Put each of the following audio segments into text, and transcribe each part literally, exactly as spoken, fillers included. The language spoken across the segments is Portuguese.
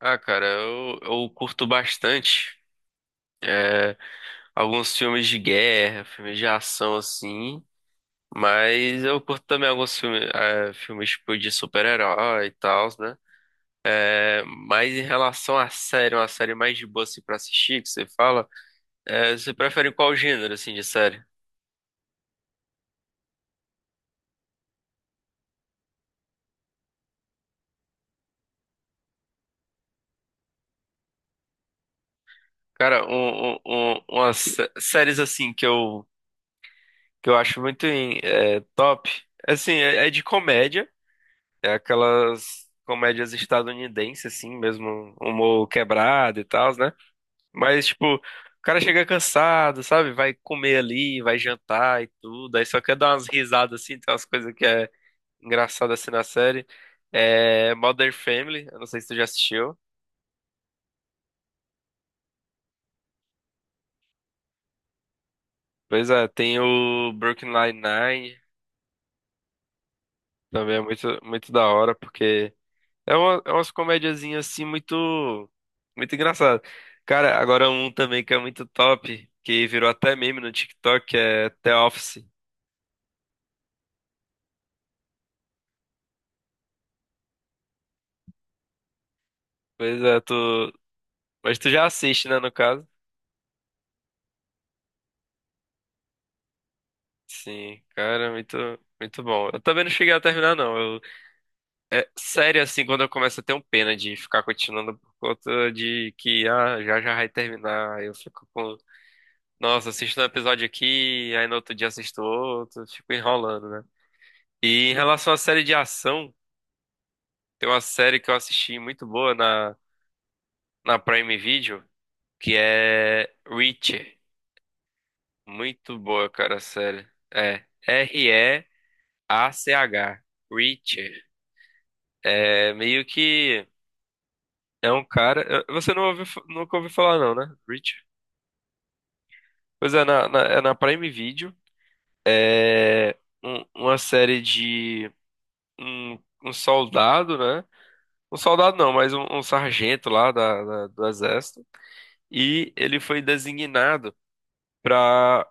Ah, cara, eu, eu curto bastante é, alguns filmes de guerra, filmes de ação assim, mas eu curto também alguns filmes, é, filmes tipo de super-herói e tal, né? É, mas em relação à série, uma série mais de boa assim pra assistir, que você fala, é, você prefere qual gênero assim de série? Cara, um, um, um- umas sé- séries assim que eu, que eu acho muito em- é, top, assim, é é de comédia. É aquelas comédias estadunidenses, assim, mesmo humor quebrado e tal, né? Mas, tipo, o cara chega cansado, sabe? Vai comer ali, vai jantar e tudo, aí só quer dar umas risadas, assim, tem umas coisas que é engraçada, assim, na série. É Modern Family, eu não sei se tu já assistiu. Pois é, tem o Brooklyn Nine-Nine, também é muito, muito da hora, porque... É, uma, é umas comediazinhas assim muito, muito engraçado. Cara, agora um também que é muito top, que virou até meme no TikTok, que é The Office. Pois é, tu. Mas tu já assiste, né, no caso? Sim, cara, muito, muito bom. Eu também não cheguei a terminar, não. Eu, é sério, assim, quando eu começo a ter um pena de ficar continuando por conta de que, ah, já já vai terminar. Eu fico com. Nossa, assisto um episódio aqui, aí no outro dia assisto outro, fico enrolando, né? E em relação à série de ação. Tem uma série que eu assisti muito boa na, na Prime Video, que é Reacher. Muito boa, cara, a série. É R E A C H. Reacher. É meio que é um cara. eu- Você não ouviu, nunca ouviu falar, não, né? Reacher. Pois é, na, na- é na Prime Video. É um- uma série de um, um soldado, né? Um soldado não, mas um, um sargento lá da, da- do exército. E ele foi designado para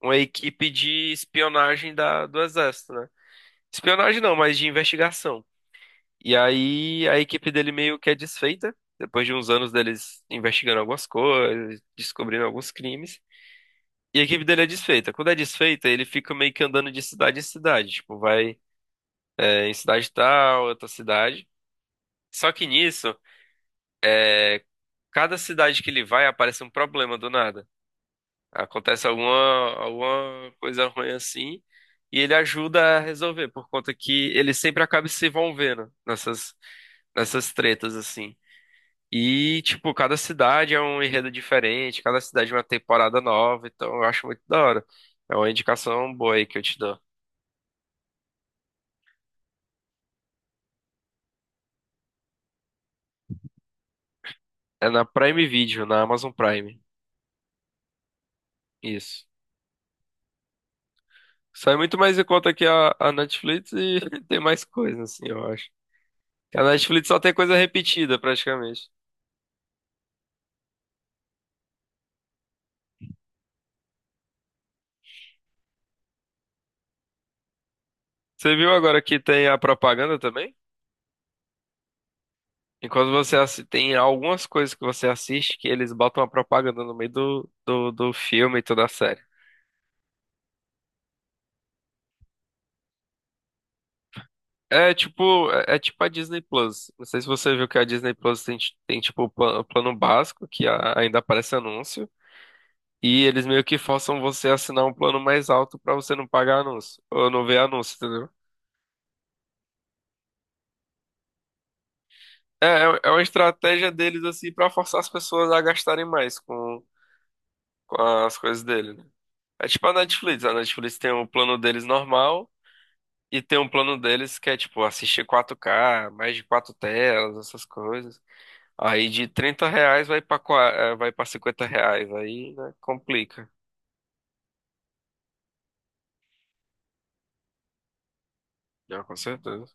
uma equipe de espionagem da, do exército, né? Espionagem não, mas de investigação. E aí a equipe dele meio que é desfeita, depois de uns anos deles investigando algumas coisas, descobrindo alguns crimes. E a equipe dele é desfeita. Quando é desfeita, ele fica meio que andando de cidade em cidade. Tipo, vai é, em cidade tal, outra cidade. Só que nisso, cada cidade que ele vai aparece um problema do nada. Acontece alguma, alguma coisa ruim assim, e ele ajuda a resolver, por conta que ele sempre acaba se envolvendo nessas, nessas tretas, assim. E, tipo, cada cidade é um enredo diferente, cada cidade é uma temporada nova, então eu acho muito da hora. É uma indicação boa aí que eu te dou. É na Prime Video, na Amazon Prime. Isso. Sai muito mais em conta que a, a Netflix e tem mais coisa, assim, eu acho. Que a Netflix só tem coisa repetida, praticamente. Você viu agora que tem a propaganda também? Enquanto você assi- tem algumas coisas que você assiste que eles botam a propaganda no meio do, do, do filme e toda a série. É tipo, é, é tipo a Disney Plus. Não sei se você viu que a Disney Plus tem, tem tipo o pla- o plano básico, que a- ainda aparece anúncio, e eles meio que forçam você a assinar um plano mais alto pra você não pagar anúncio, ou não ver anúncio, entendeu? É, é é uma estratégia deles assim pra forçar as pessoas a gastarem mais com, com as coisas dele, né? É tipo a Netflix. A Netflix tem um plano deles normal e tem um plano deles que é tipo assistir quatro K, mais de quatro telas, essas coisas. Aí de trinta reais vai pra, qua- eh, vai pra cinquenta reais. Aí, né, complica. Ah, com certeza.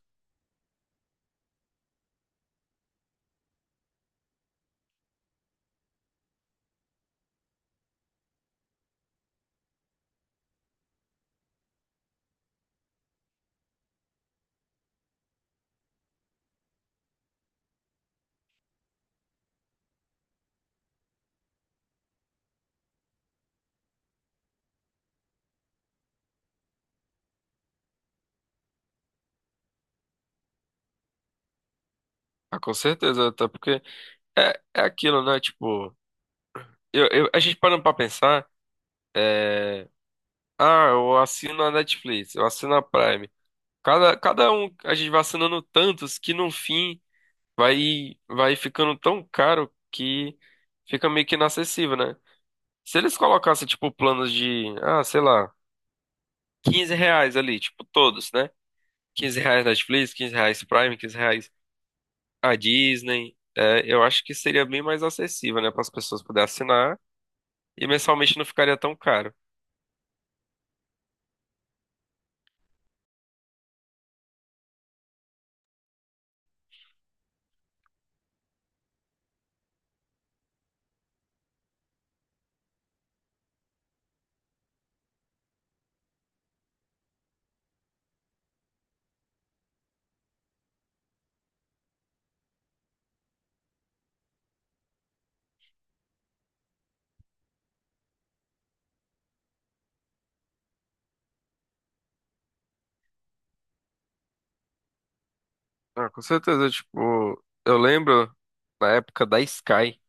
Ah, com certeza, até porque é, é aquilo, né? Tipo, eu, eu- a gente parando pra pensar, é, ah, eu assino a Netflix, eu assino a Prime. Cada, cada um, a gente vai assinando tantos que no fim. vai vai ficando tão caro que fica meio que inacessível, né? Se eles colocassem, tipo, planos de, ah, sei lá, quinze reais ali, tipo, todos, né? Quinze reais Netflix, quinze reais Prime, quinze reais a Disney, é, eu acho que seria bem mais acessível, né, para as pessoas poderem assinar e mensalmente não ficaria tão caro. Ah, com certeza, tipo, eu lembro na época da Sky,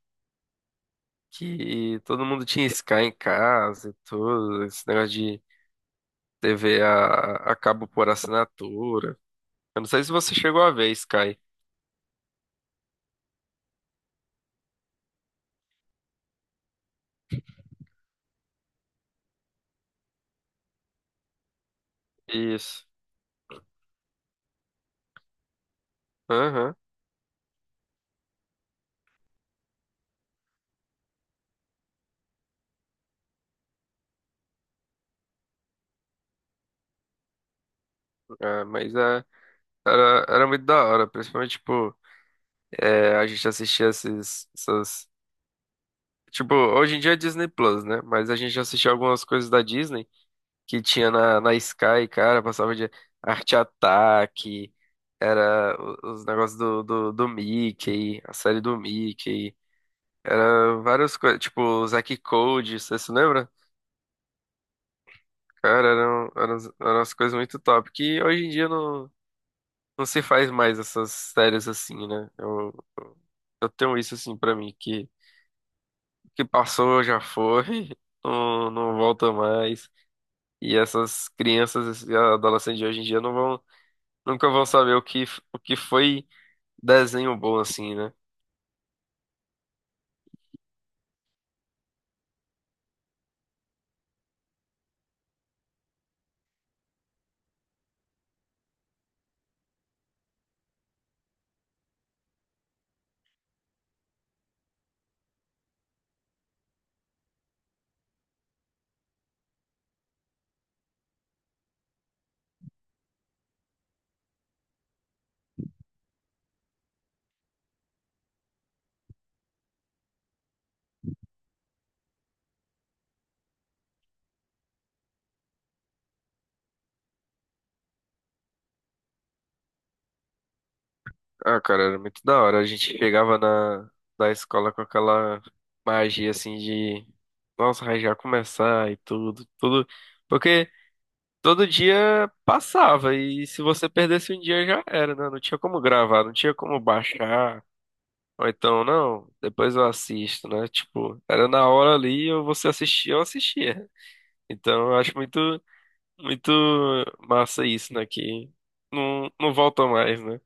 que todo mundo tinha Sky em casa e tudo, esse negócio tê vê a, a cabo por assinatura. Eu não sei se você chegou a ver, Sky. Isso. Aham. É, mas é, era, era muito da hora, principalmente, tipo, é, a gente assistia esses, essas... Tipo, hoje em dia é Disney Plus, né? Mas a gente assistia algumas coisas da Disney que tinha na, na Sky, cara, passava de Arte Ataque, era o- os negócios do, do, do Mickey, a série do Mickey, várias coisas, tipo, o Zack Code, você se lembra? Cara, eram, eram, as- eram as coisas muito top. Que hoje em dia não, não se faz mais essas séries assim, né? Eu, eu tenho isso assim pra mim, que o que passou já foi, não, não volta mais. E essas crianças e adolescentes de hoje em dia não vão, nunca vão saber o que, f- o que foi desenho bom assim, né? Ah, cara, era muito da hora. A gente chegava na, da escola com aquela magia assim de, nossa, vai já começar e tudo, tudo. Porque todo dia passava, e se você perdesse um dia já era, né? Não tinha como gravar, não tinha como baixar. Ou então, não, depois eu assisto, né? Tipo, era na hora ali, ou você assistia, eu assistia. Então, eu acho muito, muito massa isso, né? Que não, não volta mais, né?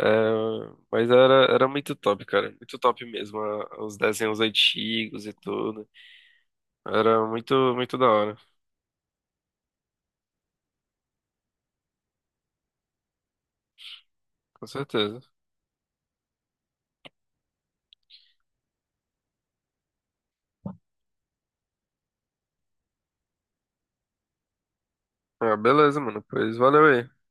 É, mas era, era muito top, cara. Muito top mesmo, a- os desenhos antigos e tudo. Era muito, muito da hora, com certeza. Ah, beleza, mano. Pois valeu aí.